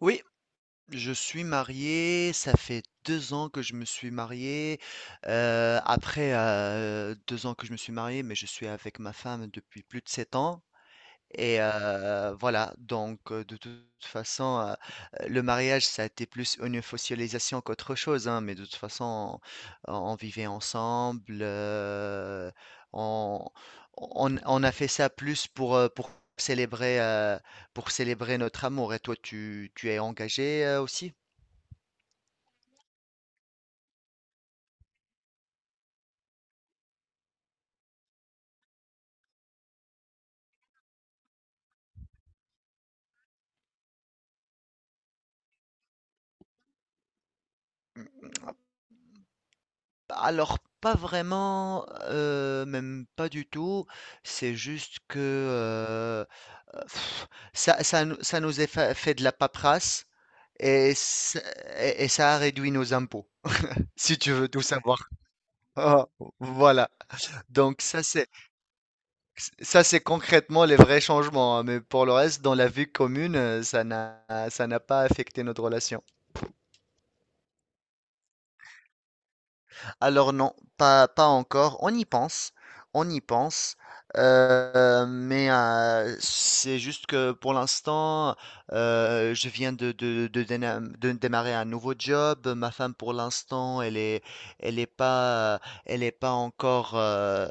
Oui, je suis marié, ça fait 2 ans que je me suis marié. 2 ans que je me suis marié, mais je suis avec ma femme depuis plus de 7 ans. Et voilà, donc de toute façon, le mariage, ça a été plus une officialisation qu'autre chose, hein, mais de toute façon, on vivait ensemble, on on a fait ça plus célébrer, heu, pour célébrer notre amour. Et toi, tu es engagé, aussi? Alors pas vraiment, même pas du tout. C'est juste que, heu heu, ça nous est fa fait de la paperasse et ça et ça a réduit nos impôts, si tu veux tout savoir. Ah, voilà, donc ça c'est concrètement les vrais changements, hein, mais pour le reste, dans la vie commune, ça n'a pas affecté notre relation. Alors non, pas, pas encore. On y pense, on y pense. C'est juste que pour l'instant, je viens de de démarrer un nouveau job. Ma femme, pour l'instant, elle est pas, elle est pas encore, euh,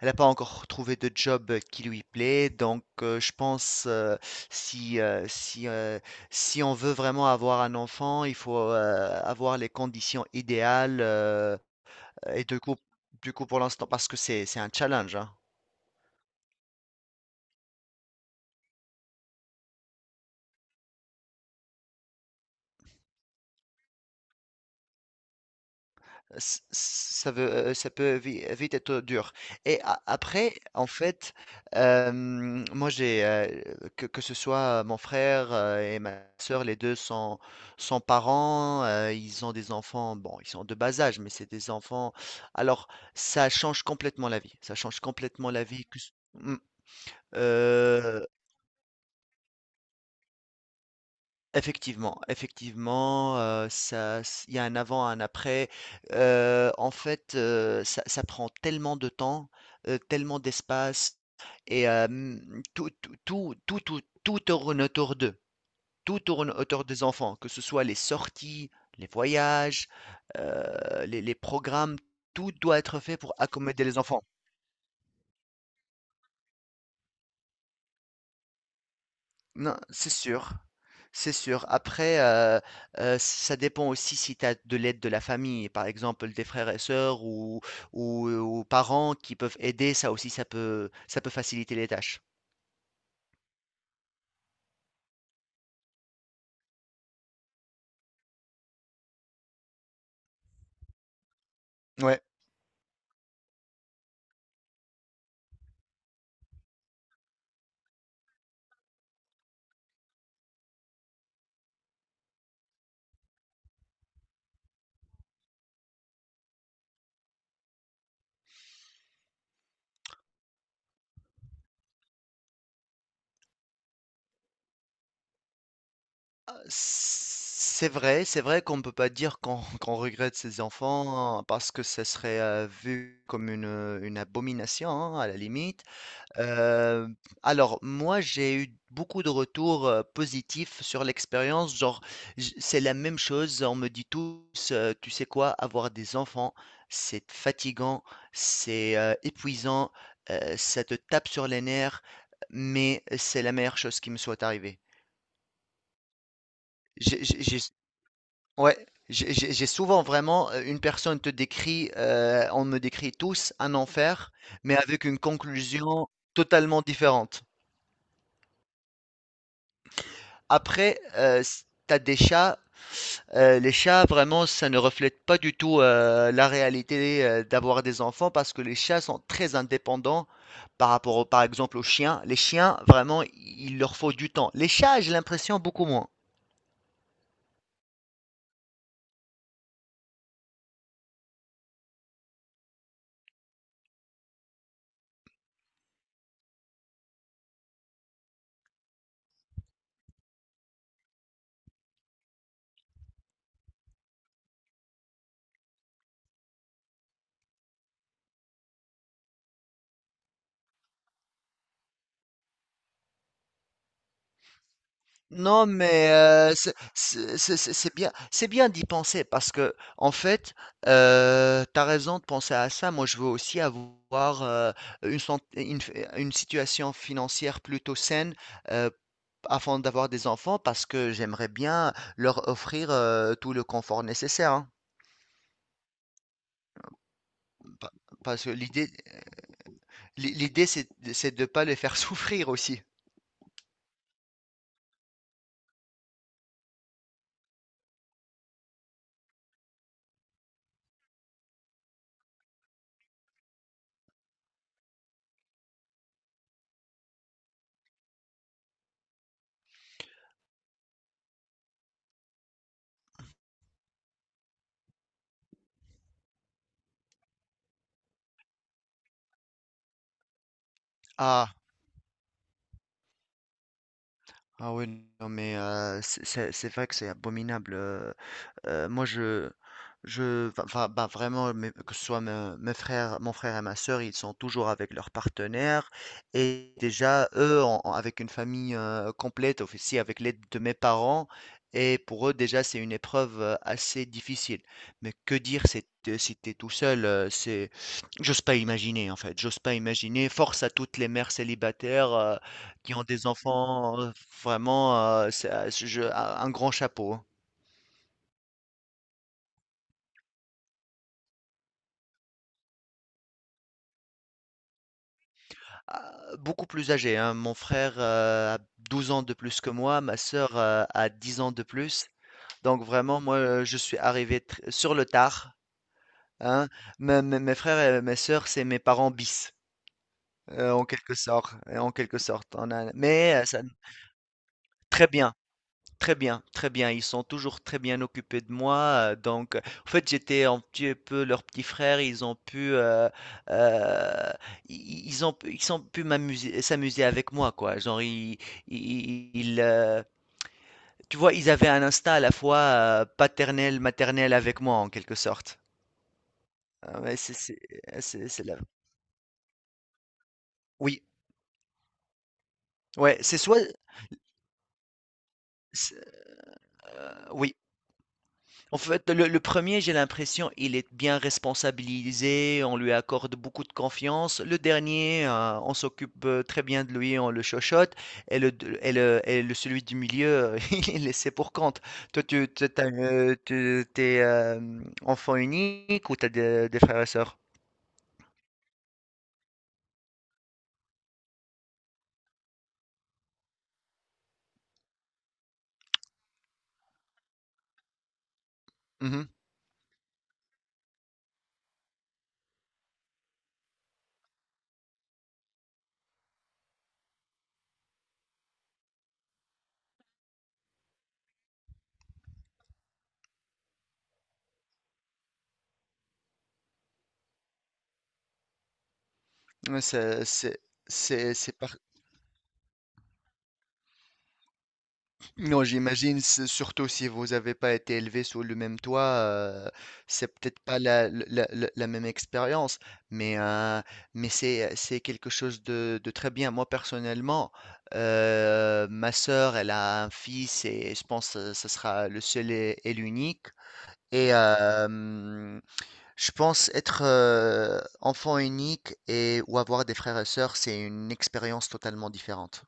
elle n'a pas encore trouvé de job qui lui plaît. Donc, je pense si, euh, si, euh, si on veut vraiment avoir un enfant, il faut avoir les conditions idéales et du coup pour l'instant, parce que c'est un challenge, hein, ça ça peut vite être dur. Et après, en fait, euh, moi j'ai que ce soit mon frère et ma soeur, sont parents. Euh, ils ont des enfants, bon, ils sont de bas âge, mais c'est des enfants. Alors, ça change complètement la vie. Ça change complètement la vie. Heu, effectivement, effectivement, ça s il y a un avant, un après. Ça prend tellement de temps, tellement d'espace et tout tourne autour d'eux. Tout tourne autour des enfants, que ce soit les sorties, les voyages, les programmes, tout doit être fait pour accommoder les enfants. Non, c'est sûr. C'est sûr. Après, ça dépend aussi si tu as de l'aide de la famille, par exemple des frères et sœurs ou, ou parents qui peuvent aider, ça aussi, ça peut faciliter les tâches. Ouais, c'est vrai, c'est vrai qu'on ne peut pas dire qu'on qu'on regrette ses enfants hein, parce que ça serait vu comme une abomination hein, à la limite. Heu, alors moi, j'ai eu beaucoup de retours, positifs sur l'expérience, genre j c'est la même chose, on me dit tous, «Tu sais quoi? Avoir des enfants, c'est fatigant, c'est, épuisant, ça te tape sur les nerfs, mais c'est la meilleure chose qui me soit arrivée». J'ai ouais, j'ai souvent vraiment, une personne te décrit, on me décrit tous un enfer, mais avec une conclusion totalement différente. Après, t'as des chats. Euh, les chats, vraiment, ça ne reflète pas du tout la réalité d'avoir des enfants parce que les chats sont très indépendants par rapport, par exemple, aux chiens. Les chiens, vraiment, il leur faut du temps. Les chats, j'ai l'impression beaucoup moins. Non, mais c'est bien d'y penser parce que en fait, t'as raison de penser à ça. Moi, je veux aussi avoir une, sant- une, une situation financière plutôt saine euh, afin d'avoir des enfants parce que j'aimerais bien leur offrir tout le confort nécessaire, hein. Pa- Parce que l'idée, l'idée, c'est de ne pas les faire souffrir aussi. Ah, ah oui, non, mais c'est vrai que c'est abominable. Moi, je va enfin, bah, vraiment, mes que ce soit me mes frères mon frère et ma sœur, ils sont toujours avec leur partenaire et déjà, eux, en en avec une famille, complète, aussi avec l'aide de mes parents et pour eux, déjà, c'est une épreuve, assez difficile. Mais que dire, c'est de si t'es tout seul, c'est j'ose pas imaginer, en fait, j'ose pas imaginer. Force à toutes les mères célibataires, qui ont des enfants, vraiment, ça je un grand chapeau, hein. Ah, beaucoup plus âgé, hein. Mon frère, a 12 ans de plus que moi, ma sœur, a 10 ans de plus. Donc vraiment, moi, je suis arrivé tr sur le tard, hein. Mes frères et mes sœurs, c'est mes parents bis, en quelque sorte, en quelque sorte. On a mais, ça Très bien. Très bien, très bien. Ils sont toujours très bien occupés de moi. Donc, en fait, j'étais un petit peu leur petit frère. Ils ont pu, euh, ils ont pu s'amuser avec moi, quoi. Genre, ils- ils, euh, tu vois, ils avaient un instinct à la fois paternel, maternel avec moi, en quelque sorte. Ah ouais, c'est- c'est la- oui, ouais, c'est soit, c'est- oui. En fait, le premier, j'ai l'impression, il est bien responsabilisé, on lui accorde beaucoup de confiance. Le dernier, on s'occupe très bien de lui, on le chochote. Et le, deux- et le- celui du milieu, il est laissé pour compte. Toi, t'as, tu- t'es enfant unique ou t'as des frères et sœurs? Mhm. Ouais, c'est Non, j'imagine, c'est surtout si vous n'avez pas été élevé sous le même toit, c'est peut-être pas la même expérience, mais, euh, mais c'est quelque chose de très bien. Moi, personnellement, ma sœur, elle a un fils et je pense que ce sera le seul et l'unique. Et je pense être enfant unique et ou avoir des frères et sœurs, c'est une expérience totalement différente.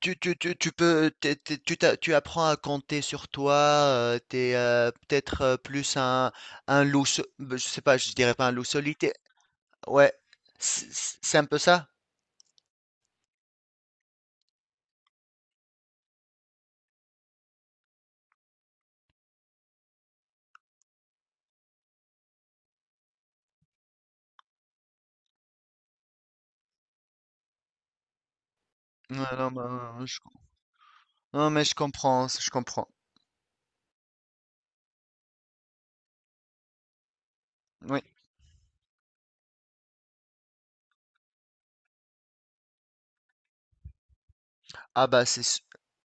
Tu peux, t'es- t'es- tu, t'a- Tu apprends à compter sur toi, tu t'es peut-être plus un loup, je sais pas, je dirais pas un loup solitaire. Ouais, c'est un peu ça? Ouais, non, ben, je- non, mais je comprends, je comprends. Oui. Ah bah c'est su-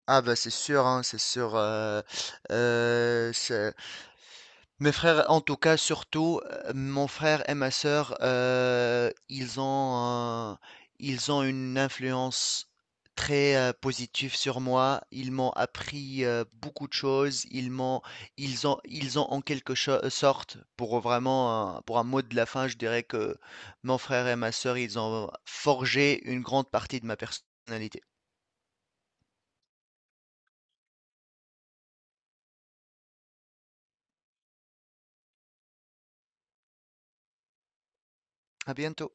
ah bah c'est sûr hein, c'est sûr euh, c'est- mes frères en tout cas surtout mon frère et ma sœur ils ont une influence très positive sur moi, ils m'ont appris beaucoup de choses, ils ont en sorte, pour vraiment pour un mot de la fin, je dirais que mon frère et ma sœur ils ont forgé une grande partie de ma personnalité. À bientôt.